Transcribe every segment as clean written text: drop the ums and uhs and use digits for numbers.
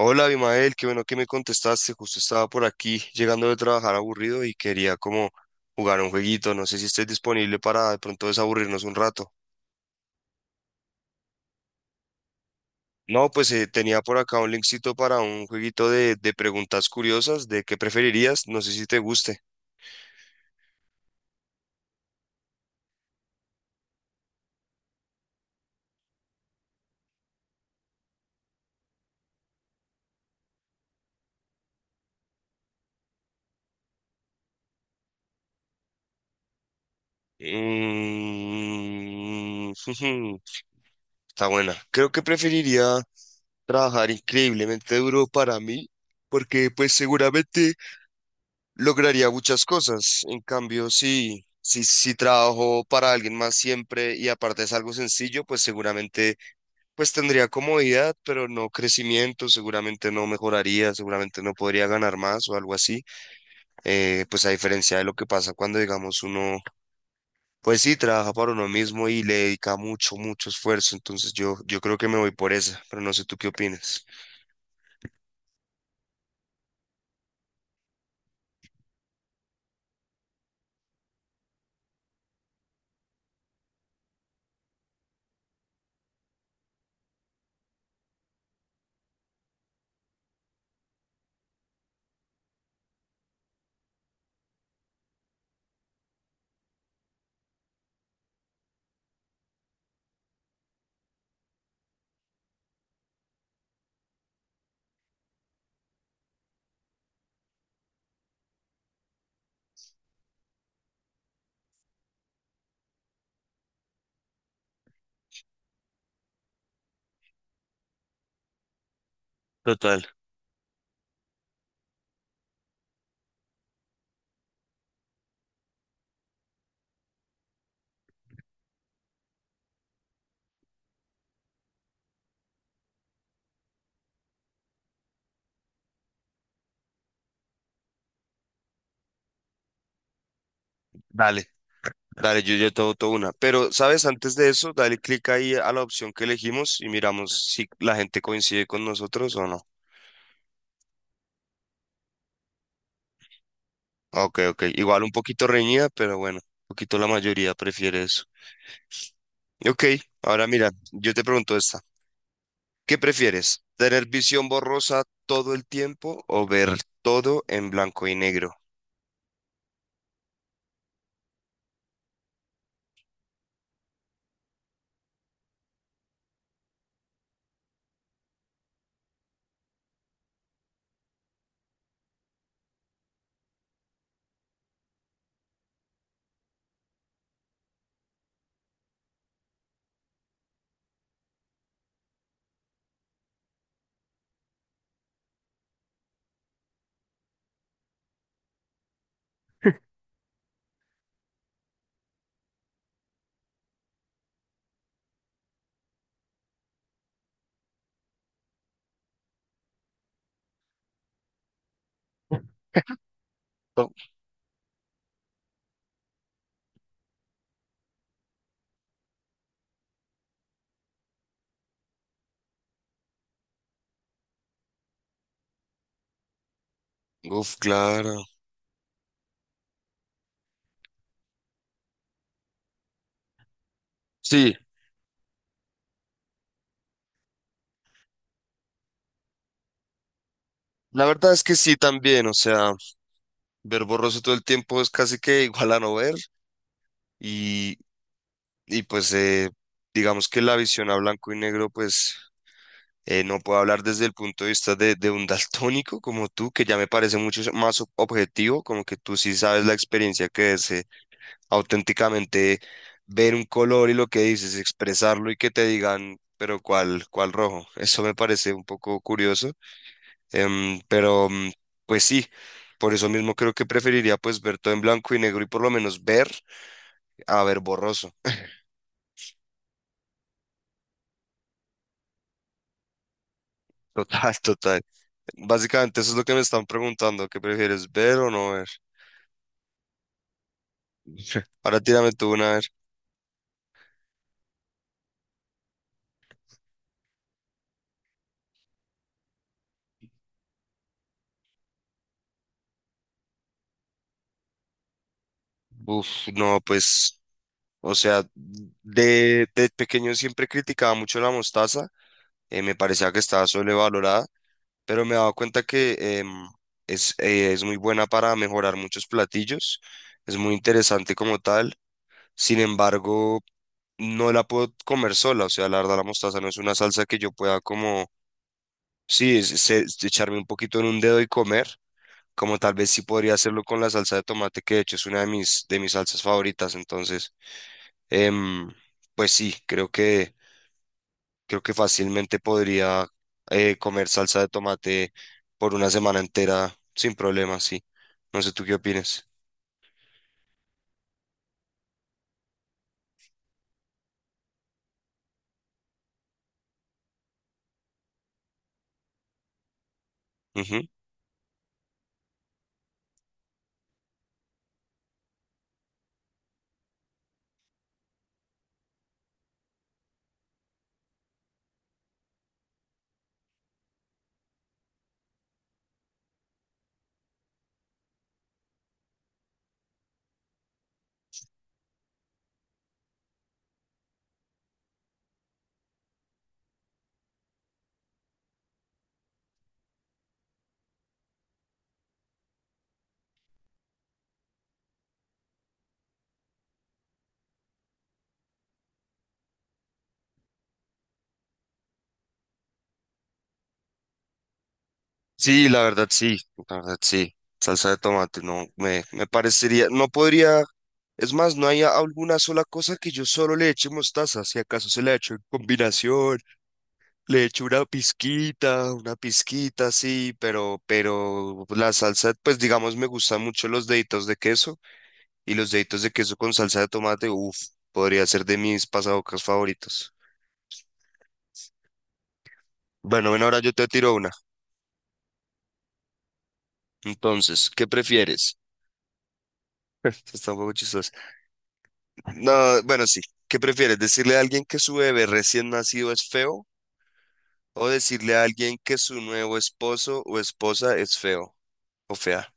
Hola, Abimael, qué bueno que me contestaste. Justo estaba por aquí llegando de trabajar aburrido y quería como jugar un jueguito. No sé si estés disponible para de pronto desaburrirnos un rato. No, pues tenía por acá un linkcito para un jueguito de preguntas curiosas de qué preferirías. No sé si te guste. Mm, Está buena. Creo que preferiría trabajar increíblemente duro para mí porque pues seguramente lograría muchas cosas. En cambio, si trabajo para alguien más siempre y aparte es algo sencillo, pues seguramente pues tendría comodidad, pero no crecimiento, seguramente no mejoraría, seguramente no podría ganar más o algo así. Pues a diferencia de lo que pasa cuando, digamos, uno, pues sí, trabaja para uno mismo y le dedica mucho, mucho esfuerzo. Entonces yo creo que me voy por esa, pero no sé tú qué opinas. Total, dale. Dale, yo ya tengo toda una. Pero, ¿sabes? Antes de eso, dale clic ahí a la opción que elegimos y miramos si la gente coincide con nosotros o no. Ah, ok, ok. Igual un poquito reñida, pero bueno, un poquito la mayoría prefiere eso. Ok, ahora mira, yo te pregunto esta. ¿Qué prefieres? ¿Tener visión borrosa todo el tiempo o ver todo en blanco y negro? Oh, uf, claro. Sí, la verdad es que sí también, o sea, ver borroso todo el tiempo es casi que igual a no ver y, y pues digamos que la visión a blanco y negro, pues no puedo hablar desde el punto de vista de un daltónico como tú, que ya me parece mucho más ob- objetivo, como que tú sí sabes la experiencia que es auténticamente ver un color y lo que dices, expresarlo y que te digan, pero ¿cuál, cuál rojo? Eso me parece un poco curioso, pero pues sí. Por eso mismo creo que preferiría pues ver todo en blanco y negro y por lo menos ver a ver borroso. Total, total. Básicamente eso es lo que me están preguntando, ¿qué prefieres ver o no ver? Ahora tírame tú una, a ver. Uf, no, pues, o sea, de pequeño siempre criticaba mucho la mostaza, me parecía que estaba sobrevalorada, pero me he dado cuenta que es muy buena para mejorar muchos platillos, es muy interesante como tal, sin embargo, no la puedo comer sola, o sea, la verdad la mostaza no es una salsa que yo pueda como, sí, echarme un poquito en un dedo y comer. Como tal vez sí podría hacerlo con la salsa de tomate, que de hecho es una de mis salsas favoritas. Entonces, em, pues sí, creo que fácilmente podría comer salsa de tomate por una semana entera sin problema, sí. No sé tú qué opinas. Ujú. Sí, la verdad sí, la verdad sí. Salsa de tomate, no, me parecería, no podría, es más, no hay alguna sola cosa que yo solo le eche mostaza, si acaso se le echo en combinación. Le echo una pizquita, sí, pero la salsa, pues digamos, me gustan mucho los deditos de queso y los deditos de queso con salsa de tomate, uff, podría ser de mis pasabocas favoritos. Bueno, bueno, ahora yo te tiro una. Entonces, ¿qué prefieres? Esto Está un poco chistoso. No, bueno, sí. ¿Qué prefieres? ¿Decirle a alguien que su bebé recién nacido es feo o decirle a alguien que su nuevo esposo o esposa es feo o fea?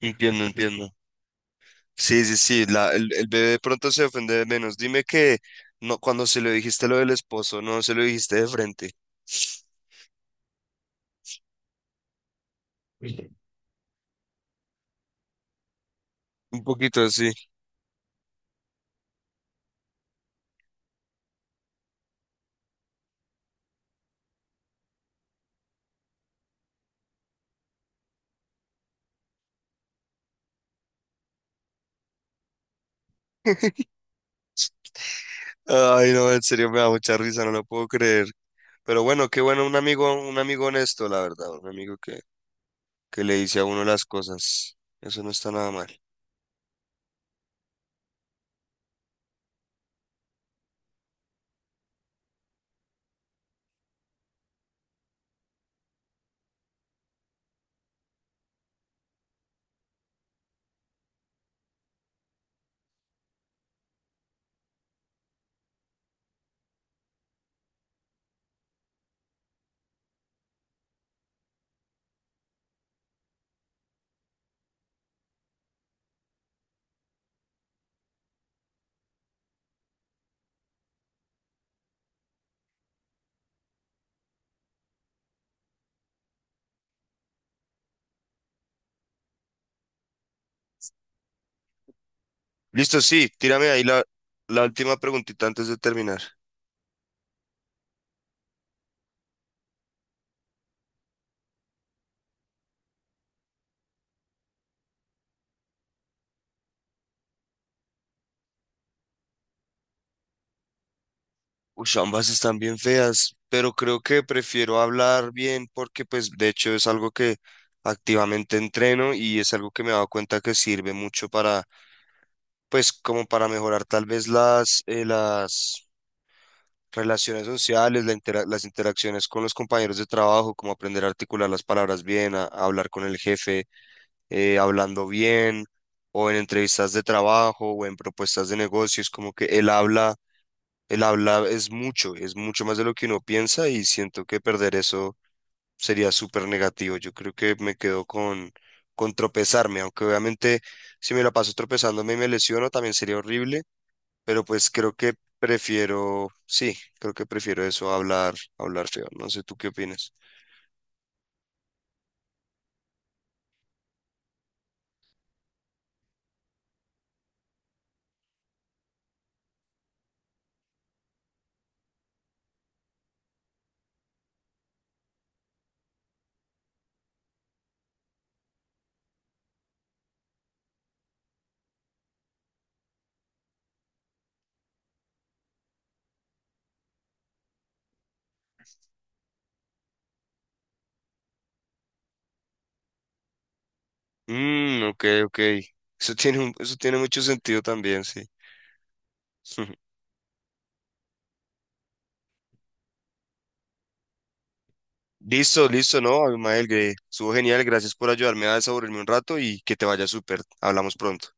Entiendo, entiendo. Sí, sí, sí, la, el bebé de pronto se ofende de menos. Dime que no, cuando se lo dijiste lo del esposo, no se lo dijiste de frente. Un poquito así. Ay, no, en serio me da mucha risa, no lo puedo creer. Pero bueno, qué bueno, un amigo honesto, la verdad, un amigo que le dice a uno las cosas. Eso no está nada mal. Listo, sí, tírame ahí la, la última preguntita antes de terminar. Uy, ambas están bien feas, pero creo que prefiero hablar bien porque pues de hecho es algo que activamente entreno y es algo que me he dado cuenta que sirve mucho para pues como para mejorar tal vez las relaciones sociales, la intera- las interacciones con los compañeros de trabajo, como aprender a articular las palabras bien, a hablar con el jefe hablando bien o en entrevistas de trabajo o en propuestas de negocios, como que él habla el habla es mucho más de lo que uno piensa y siento que perder eso sería súper negativo. Yo creo que me quedo con tropezarme, aunque obviamente si me la paso tropezándome y me lesiono también sería horrible, pero pues creo que prefiero, sí, creo que prefiero eso, a hablar feo. No sé, ¿tú qué opinas? Mm, ok, ok. Eso tiene, eso tiene mucho sentido también, sí. Listo, listo, ¿no? Abimael, que estuvo genial. Gracias por ayudarme a desaburrirme un rato y que te vaya súper. Hablamos pronto.